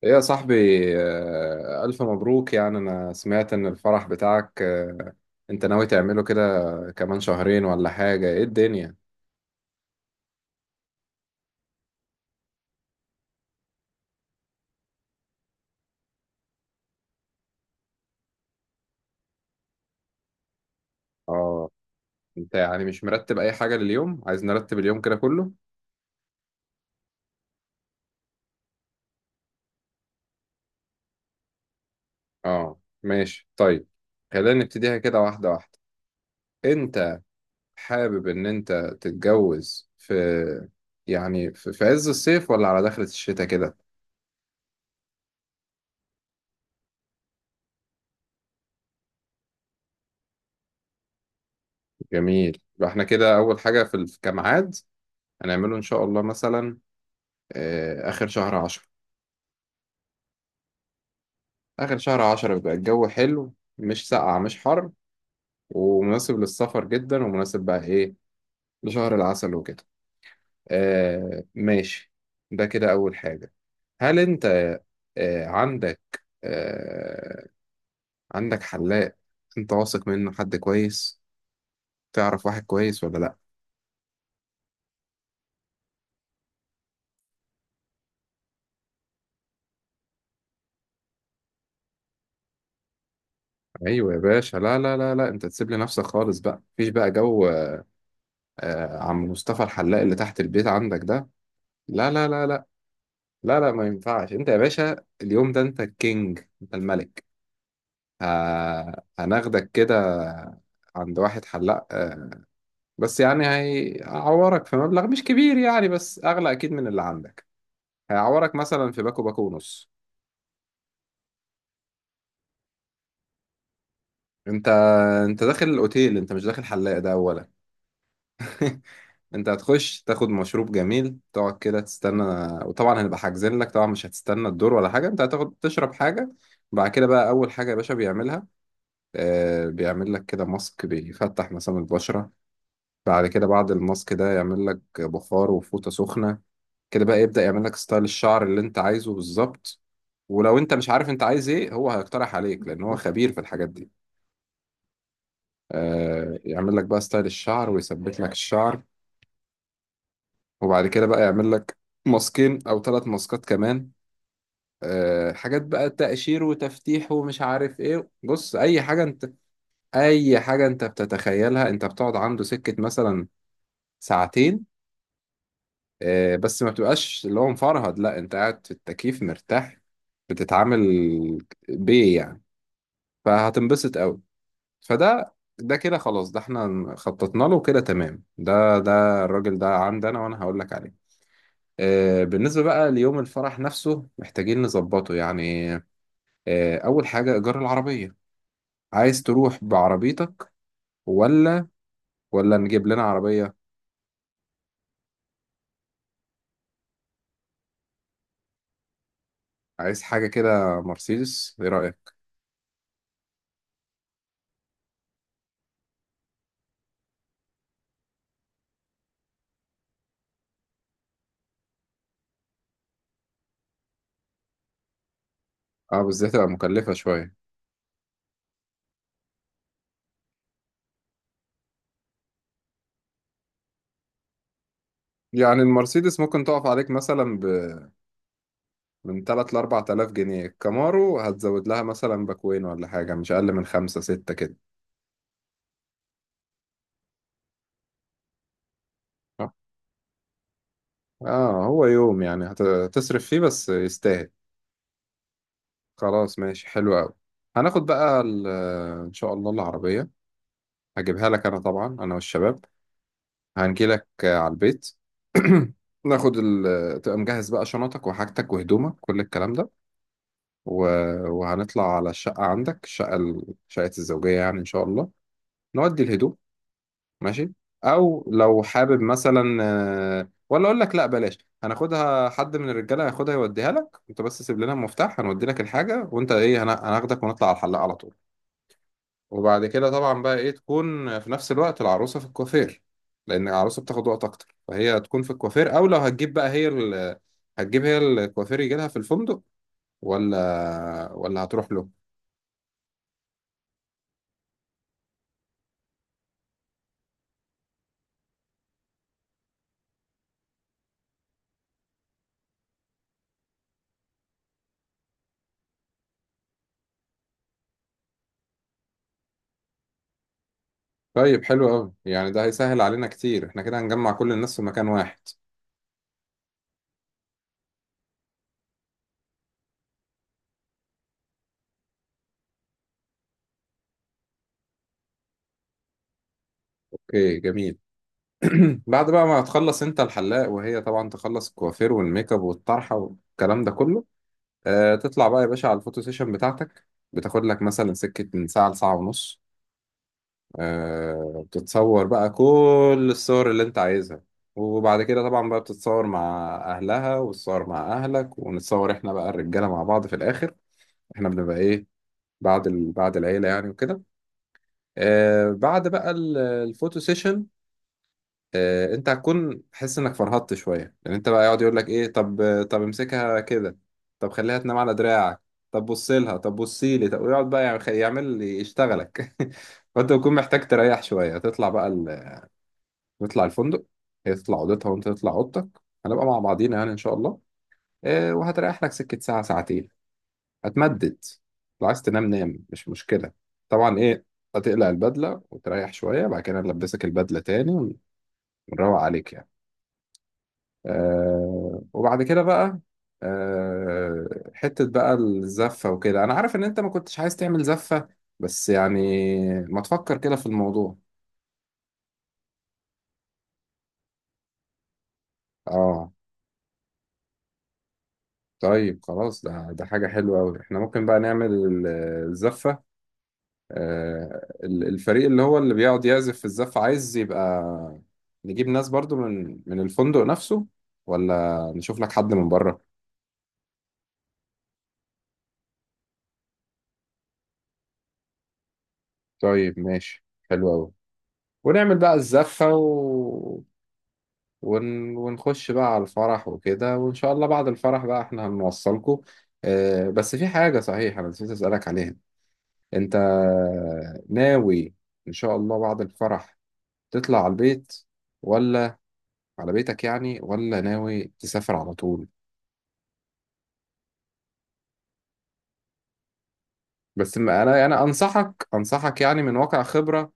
إيه يا صاحبي؟ آه، ألف مبروك. يعني أنا سمعت إن الفرح بتاعك، أنت ناوي تعمله كده كمان شهرين ولا حاجة؟ إيه الدنيا؟ آه، أنت يعني مش مرتب أي حاجة لليوم؟ عايز نرتب اليوم كده كله؟ آه ماشي طيب. خلينا نبتديها كده واحدة واحدة. أنت حابب إن أنت تتجوز في، يعني في عز الصيف ولا على دخلة الشتاء كده؟ جميل. يبقى إحنا كده أول حاجة في كميعاد هنعمله إن شاء الله مثلا آخر شهر عشرة. آخر شهر عشرة بيبقى الجو حلو، مش ساقع مش حر، ومناسب للسفر جدا، ومناسب بقى إيه لشهر العسل وكده. آه ماشي. ده كده أول حاجة. هل أنت آه عندك آه عندك حلاق أنت واثق منه؟ حد كويس تعرف واحد كويس ولا لأ؟ أيوة يا باشا، لا لا لا لا، أنت تسيب لي نفسك خالص بقى، مفيش بقى جو. آه، عم مصطفى الحلاق اللي تحت البيت عندك ده؟ لا لا لا لا، لا لا ما ينفعش انت يا باشا. اليوم ده انت الكينج، انت الملك. ه... هناخدك كده عند واحد حلاق، بس يعني هيعورك في مبلغ مش كبير يعني، بس اغلى اكيد من اللي عندك. هيعورك مثلا في باكو، باكو ونص. انت انت داخل الاوتيل، انت مش داخل حلاق ده اولا. انت هتخش تاخد مشروب جميل، تقعد كده تستنى. وطبعا هنبقى حاجزين لك طبعا، مش هتستنى الدور ولا حاجه، انت هتاخد تشرب حاجه. بعد كده بقى اول حاجه يا باشا بيعملها، بيعمل لك كده ماسك بيفتح مسام البشرة. بعد كده، بعد الماسك ده، يعمل لك بخار وفوطة سخنة. كده بقى يبدأ يعمل لك ستايل الشعر اللي انت عايزه بالظبط. ولو انت مش عارف انت عايز ايه، هو هيقترح عليك لان هو خبير في الحاجات دي. يعمل لك بقى ستايل الشعر ويثبت لك الشعر. وبعد كده بقى يعمل لك ماسكين او ثلاث ماسكات كمان، حاجات بقى تقشير وتفتيح ومش عارف ايه. بص، اي حاجة انت بتتخيلها. انت بتقعد عنده سكة مثلا ساعتين، بس ما بتبقاش اللي هو مفرهد، لا انت قاعد في التكييف مرتاح، بتتعامل بيه يعني. فهتنبسط قوي. فده كده خلاص، ده احنا خططنا له كده، تمام. ده الراجل ده عندي انا، وانا هقول لك عليه. بالنسبة بقى ليوم الفرح نفسه محتاجين نظبطه يعني. أول حاجة إيجار العربية. عايز تروح بعربيتك ولا ولا نجيب لنا عربية؟ عايز حاجة كده مرسيدس، إيه رأيك؟ اه، بس دي هتبقى مكلفة شوية. يعني المرسيدس ممكن تقف عليك مثلا من 3 ل 4000 جنيه. الكامارو هتزود لها مثلا باكوين ولا حاجة، مش أقل من 5 6 كده. اه. هو يوم يعني هتصرف فيه بس يستاهل. خلاص ماشي، حلو أوي. هناخد بقى إن شاء الله العربية. هجيبها لك أنا طبعا، أنا والشباب هنجيلك على البيت. ناخد تبقى مجهز بقى شنطك وحاجتك وهدومك، كل الكلام ده، و... وهنطلع على الشقة عندك، الشقة شقة الزوجية يعني إن شاء الله، نودي الهدوم. ماشي، او لو حابب مثلا، ولا اقول لك لا بلاش، هناخدها حد من الرجاله هياخدها يوديها لك. انت بس سيب لنا المفتاح هنودي لك الحاجه، وانت ايه هناخدك ونطلع على الحلاق على طول. وبعد كده طبعا بقى ايه، تكون في نفس الوقت العروسه في الكوافير، لان العروسه بتاخد وقت اكتر، فهي تكون في الكوافير. او لو هتجيب بقى هي هتجيب هي الكوافير يجي لها في الفندق ولا هتروح له؟ طيب حلو قوي يعني، ده هيسهل علينا كتير، احنا كده هنجمع كل الناس في مكان واحد. اوكي جميل. بعد بقى ما تخلص انت الحلاق، وهي طبعا تخلص الكوافير والميك اب والطرحه والكلام ده كله، آه تطلع بقى يا باشا على الفوتو سيشن بتاعتك. بتاخد لك مثلا سكه من ساعه لساعه ونص. آه بتتصور بقى كل الصور اللي انت عايزها. وبعد كده طبعا بقى بتتصور مع اهلها، وتتصور مع اهلك، ونتصور احنا بقى الرجاله مع بعض في الاخر. احنا بنبقى ايه بعد بعد العيله يعني وكده. آه بعد بقى الفوتو سيشن، انت هتكون حس انك فرهدت شويه، لان انت بقى يقعد يقول لك ايه، طب امسكها كده، طب خليها تنام على دراعك، طب بص لها، طب بصي لي، طب ويقعد بقى يعمل يشتغلك. فانت بتكون محتاج تريح شويه، تطلع بقى تطلع الفندق، هي تطلع اوضتها وانت تطلع اوضتك، هنبقى مع بعضينا يعني ان شاء الله. وهتريح لك سكه ساعه ساعتين، هتمدد. لو عايز تنام نام، مش مشكله. طبعا ايه، هتقلع البدله وتريح شويه، بعد كده نلبسك البدله تاني ونروق عليك يعني. وبعد كده بقى، حتة بقى الزفة وكده. أنا عارف إن أنت ما كنتش عايز تعمل زفة، بس يعني ما تفكر كده في الموضوع. آه. طيب خلاص، ده حاجة حلوة أوي. إحنا ممكن بقى نعمل الزفة. الفريق اللي هو اللي بيقعد يعزف في الزفة، عايز يبقى نجيب ناس برضو من الفندق نفسه، ولا نشوف لك حد من بره؟ طيب ماشي حلو أوي. ونعمل بقى الزفة ونخش بقى على الفرح وكده. وإن شاء الله بعد الفرح بقى إحنا هنوصلكوا. آه بس في حاجة، صحيح أنا نسيت أسألك عليها. أنت ناوي إن شاء الله بعد الفرح تطلع على البيت، ولا على بيتك يعني، ولا ناوي تسافر على طول؟ بس ما أنا أنصحك يعني من واقع خبرة،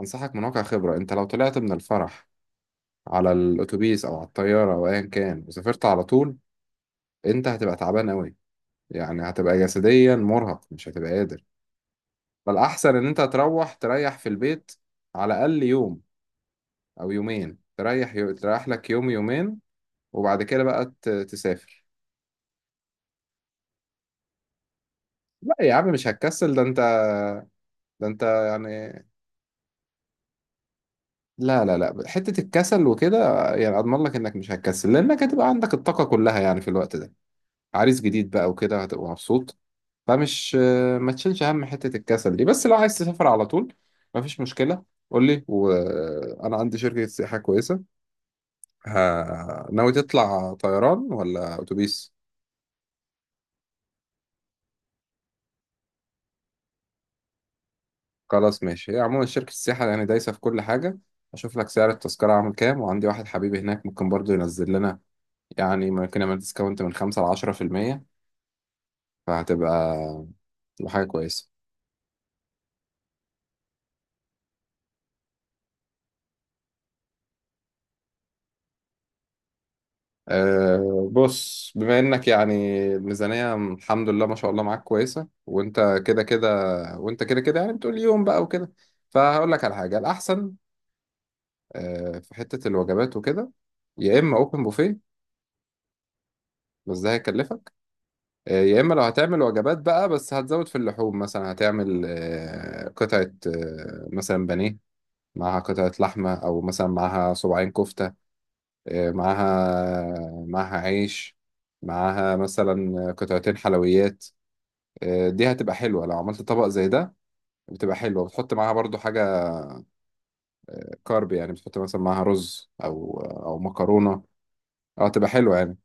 أنصحك من واقع خبرة، أنت لو طلعت من الفرح على الأتوبيس أو على الطيارة أو أيا كان، وسافرت على طول، أنت هتبقى تعبان أوي، يعني هتبقى جسديا مرهق، مش هتبقى قادر. فالأحسن إن أنت تروح تريح في البيت، على الأقل يوم أو يومين، تريح تريح لك يوم يومين، وبعد كده بقى تسافر. لا يا عم مش هتكسل، ده أنت يعني. لا لا لا، حتة الكسل وكده يعني، أضمن لك إنك مش هتكسل لأنك هتبقى عندك الطاقة كلها يعني في الوقت ده، عريس جديد بقى وكده، هتبقى مبسوط. فمش، ما تشيلش هم حتة الكسل دي. بس لو عايز تسافر على طول مفيش مشكلة، قول لي وأنا عندي شركة سياحة كويسة. ناوي تطلع طيران ولا اتوبيس؟ خلاص ماشي. هي عموما شركة السياحة يعني دايسة في كل حاجة. اشوف لك سعر التذكرة عامل كام، وعندي واحد حبيبي هناك ممكن برضو ينزل لنا يعني، ممكن يعمل ديسكاونت من 5 لـ10%. فهتبقى تبقى حاجة كويسة. أه بص، بما انك يعني الميزانية الحمد لله ما شاء الله معاك كويسة، وانت كده كده يعني بتقول يوم بقى وكده، فهقول لك على حاجة الأحسن. أه في حتة الوجبات وكده، يا إما أوبن بوفيه، بس ده هيكلفك. يا اما لو هتعمل وجبات بقى، بس هتزود في اللحوم، مثلا هتعمل قطعة، مثلا بانيه معاها قطعة لحمة، او مثلا معاها صباعين كفتة، معاها عيش، معاها مثلا قطعتين حلويات. دي هتبقى حلوة لو عملت طبق زي ده. بتبقى حلوة بتحط معاها برضو حاجة كارب يعني، بتحط مثلا معاها رز او مكرونة. اه تبقى حلوة يعني.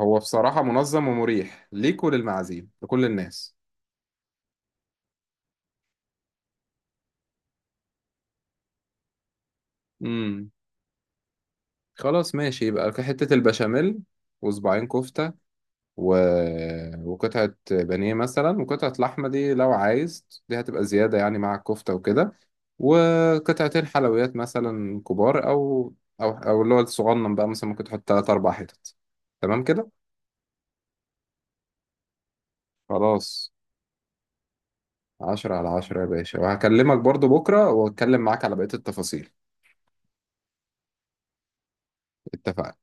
هو بصراحة منظم ومريح ليك وللمعازيم لكل الناس. خلاص ماشي، يبقى في حتة البشاميل، وصباعين كفتة، و... وقطعة بانيه مثلا، وقطعة لحمة دي لو عايز دي هتبقى زيادة يعني مع الكفتة وكده، وقطعتين حلويات مثلا كبار، أو اللي هو الصغنن بقى مثلا ممكن تحط تلات أربع حتت. تمام كده. خلاص، 10/10 يا باشا، وهكلمك برضو بكرة وأتكلم معاك على بقية التفاصيل. اتفقنا.